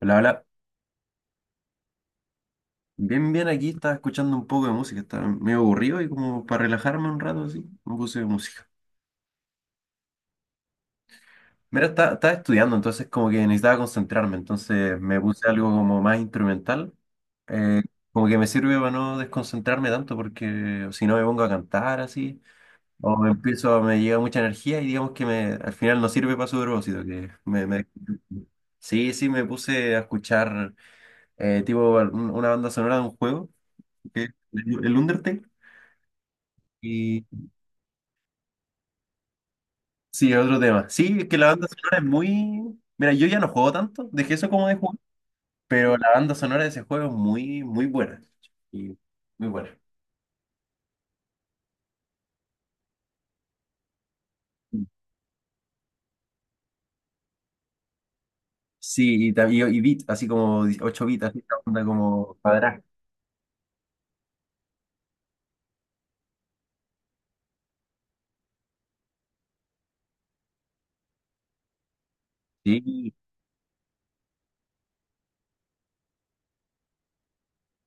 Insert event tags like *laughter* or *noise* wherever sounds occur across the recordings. Hola, hola. Bien, bien, aquí estaba escuchando un poco de música, estaba medio aburrido y como para relajarme un rato así, me puse música. Mira, estaba estudiando, entonces como que necesitaba concentrarme, entonces me puse algo como más instrumental, eh, como que me sirve para no desconcentrarme tanto porque si no me pongo a cantar así, o me empiezo, me llega mucha energía y digamos que me, al final no sirve para su propósito, que me- Sí, sí, me puse a escuchar tipo una banda sonora de un juego, que el Undertale. Y sí, es otro tema. Sí, es que la banda sonora es muy... Mira, yo ya no juego tanto, dejé eso como de jugar, pero la banda sonora de ese juego es muy, muy buena. Y muy buena. Sí, y, y beat, así como 8 bits, así esta onda como cuadrada. Sí,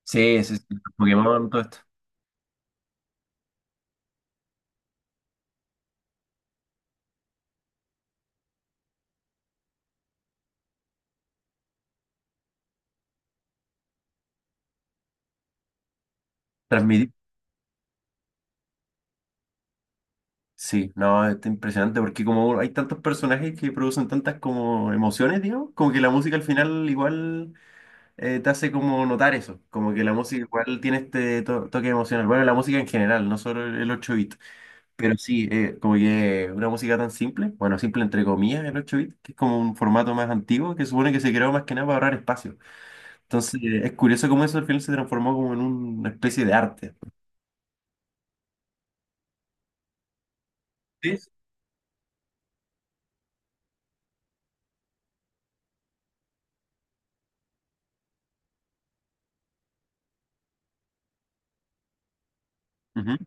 sí, sí, sí, Pokémon, todo esto. Transmitir. Sí, no, está impresionante porque como hay tantos personajes que producen tantas como emociones, digamos, como que la música al final igual te hace como notar eso, como que la música igual tiene este toque emocional. Bueno, la música en general, no solo el 8-bit, pero sí, como que una música tan simple, bueno, simple entre comillas, el 8-bit, que es como un formato más antiguo que supone que se creó más que nada para ahorrar espacio. Entonces, es curioso cómo eso al final se transformó como en una especie de arte. Sí. Ujú.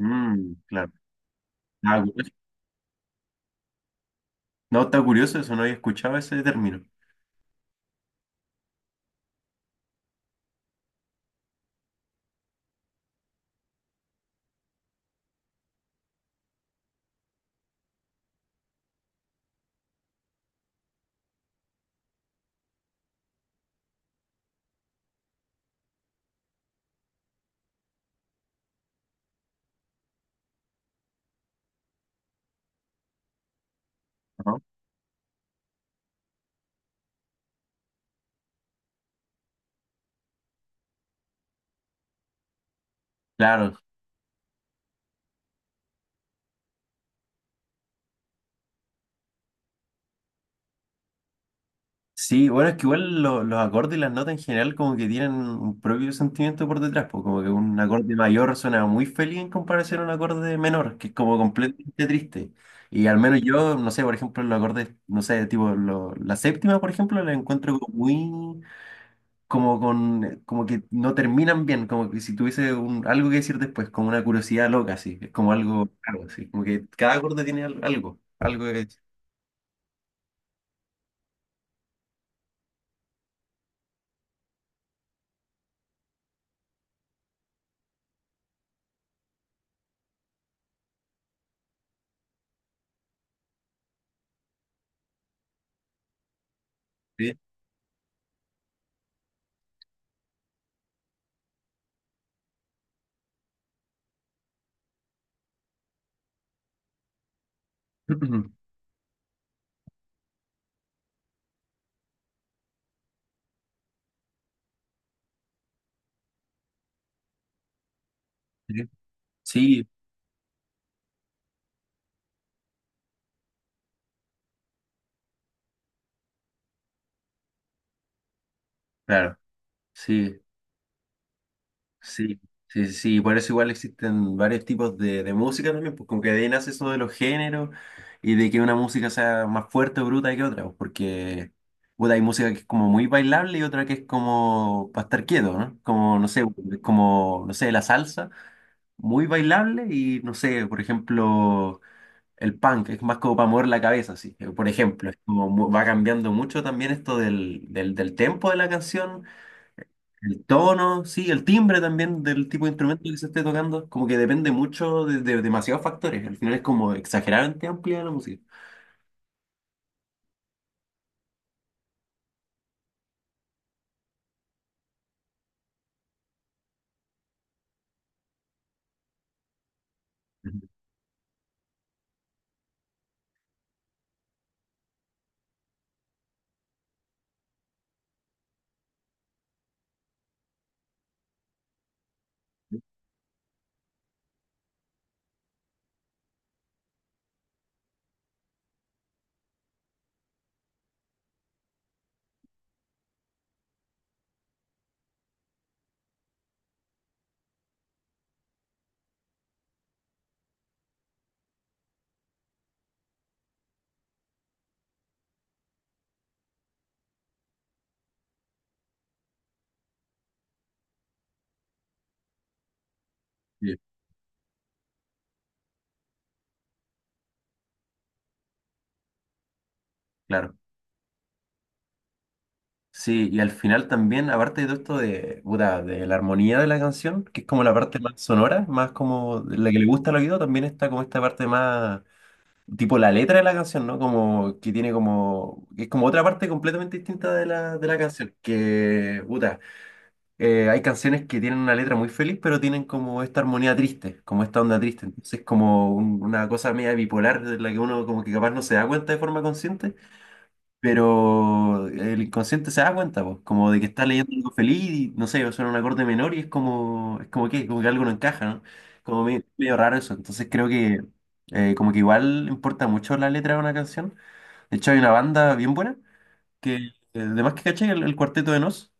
Mm, claro. Ah, curioso. No, está curioso eso, no había escuchado ese término. Ajá. Claro, sí, bueno, es que igual los acordes y las notas en general como que tienen un propio sentimiento por detrás, pues como que un acorde mayor suena muy feliz en comparación a un acorde menor, que es como completamente triste. Y al menos yo, no sé, por ejemplo, los acordes, no sé, tipo la séptima, por ejemplo, la encuentro como muy, como con, como que no terminan bien, como que si tuviese un- algo que decir después, como una curiosidad loca, así, es como algo, algo así, como que cada acorde tiene algo, algo que decir. ¿Sí? *clears throat* Sí, sí, claro, sí. Sí, sí, sí, sí, por eso igual existen varios tipos de música también, pues como que de ahí nace eso de los géneros y de que una música sea más fuerte o bruta que otra, pues, porque puta, hay música que es como muy bailable y otra que es como para estar quieto, ¿no? Como, no sé, la salsa, muy bailable y, no sé, por ejemplo, el punk, es más como para mover la cabeza, así, por ejemplo, es como mu- va cambiando mucho también esto del tempo de la canción, el tono, sí, el timbre también del tipo de instrumento que se esté tocando, como que depende mucho de demasiados factores. Al final es como exageradamente amplia la música. Ujú, sí. Claro. Sí, y al final también, aparte de todo esto de, puta, de la armonía de la canción, que es como la parte más sonora, más como la que le gusta al oído, también está como esta parte más, tipo la letra de la canción, ¿no? Como que tiene como, que es como otra parte completamente distinta de la canción, que, puta, hay canciones que tienen una letra muy feliz, pero tienen como esta armonía triste, como esta onda triste. Entonces, como un- una cosa media bipolar de la que uno como que capaz no se da cuenta de forma consciente, pero el inconsciente se da cuenta, pues, como de que está leyendo algo feliz y no sé, suena un acorde menor y es como que algo no encaja, ¿no? Como medio, medio raro eso. Entonces creo que como que igual importa mucho la letra de una canción. De hecho, hay una banda bien buena que, además que caché, el Cuarteto de Nos.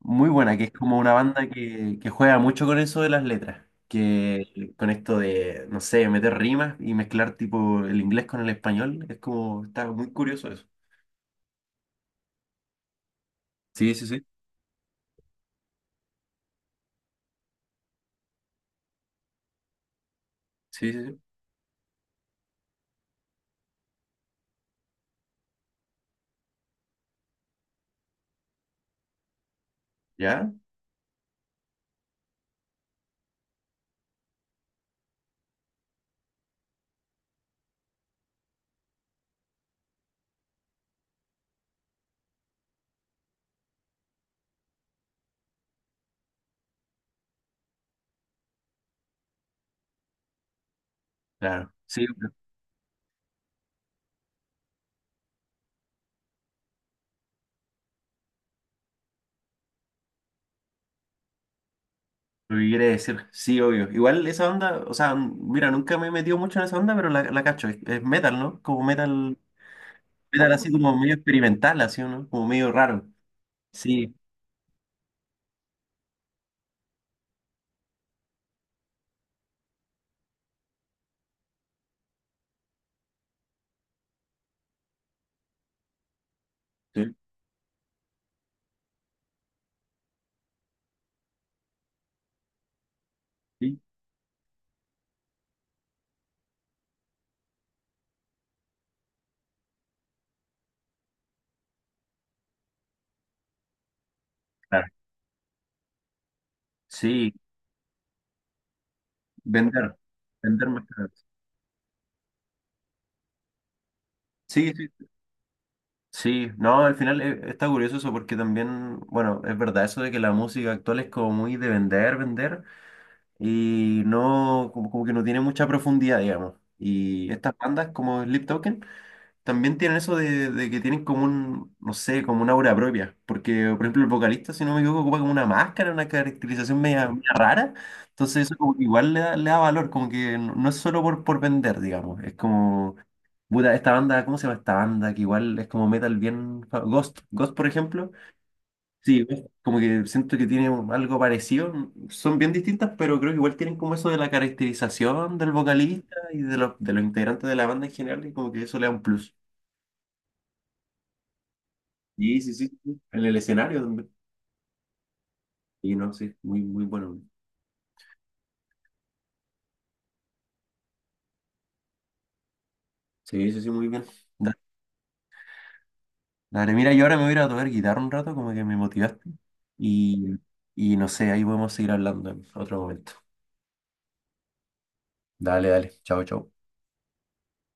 Muy buena, que es como una banda que juega mucho con eso de las letras, que con esto de, no sé, meter rimas y mezclar tipo el inglés con el español, es como, está muy curioso eso. Sí, sí, sí, sí, sí, sí. ¿Ya? Claro, sí, lo que quiere decir, sí, obvio. Igual esa onda, o sea, n- mira, nunca me he metido mucho en esa onda, pero la cacho, es metal, ¿no? Como metal, metal así como medio experimental, así, ¿no? Como medio raro. Sí, sí, sí, claro. Sí, vender, vender más caro. Sí, sí, sí, no, al final está curioso eso porque también, bueno, es verdad eso de que la música actual es como muy de vender, vender y no, como, como que no tiene mucha profundidad, digamos. Y estas bandas como Sleep Token también tienen eso de que tienen como un, no sé, como una aura propia. Porque, por ejemplo, el vocalista, si no me equivoco, ocupa como una máscara, una caracterización media, media rara. Entonces eso como que igual le da valor, como que no, no es solo por vender, digamos, es como puta, esta banda, ¿cómo se llama esta banda? Que igual es como metal bien... fa- Ghost, Ghost, por ejemplo. Sí, Ghost, como que siento que tiene un- algo parecido. Son bien distintas, pero creo que igual tienen como eso de la caracterización del vocalista y de los integrantes de la banda en general, y como que eso le da un plus. Sí, sí, sí, sí. En el escenario también. Y no, sí, muy, muy bueno. Sí, sí, sí, muy bien. Da- Dale, mira, yo ahora me voy a ir a tocar guitarra un rato, como que me motivaste. Y, y no sé, ahí podemos seguir hablando en otro momento. Dale, dale. Chao, chao.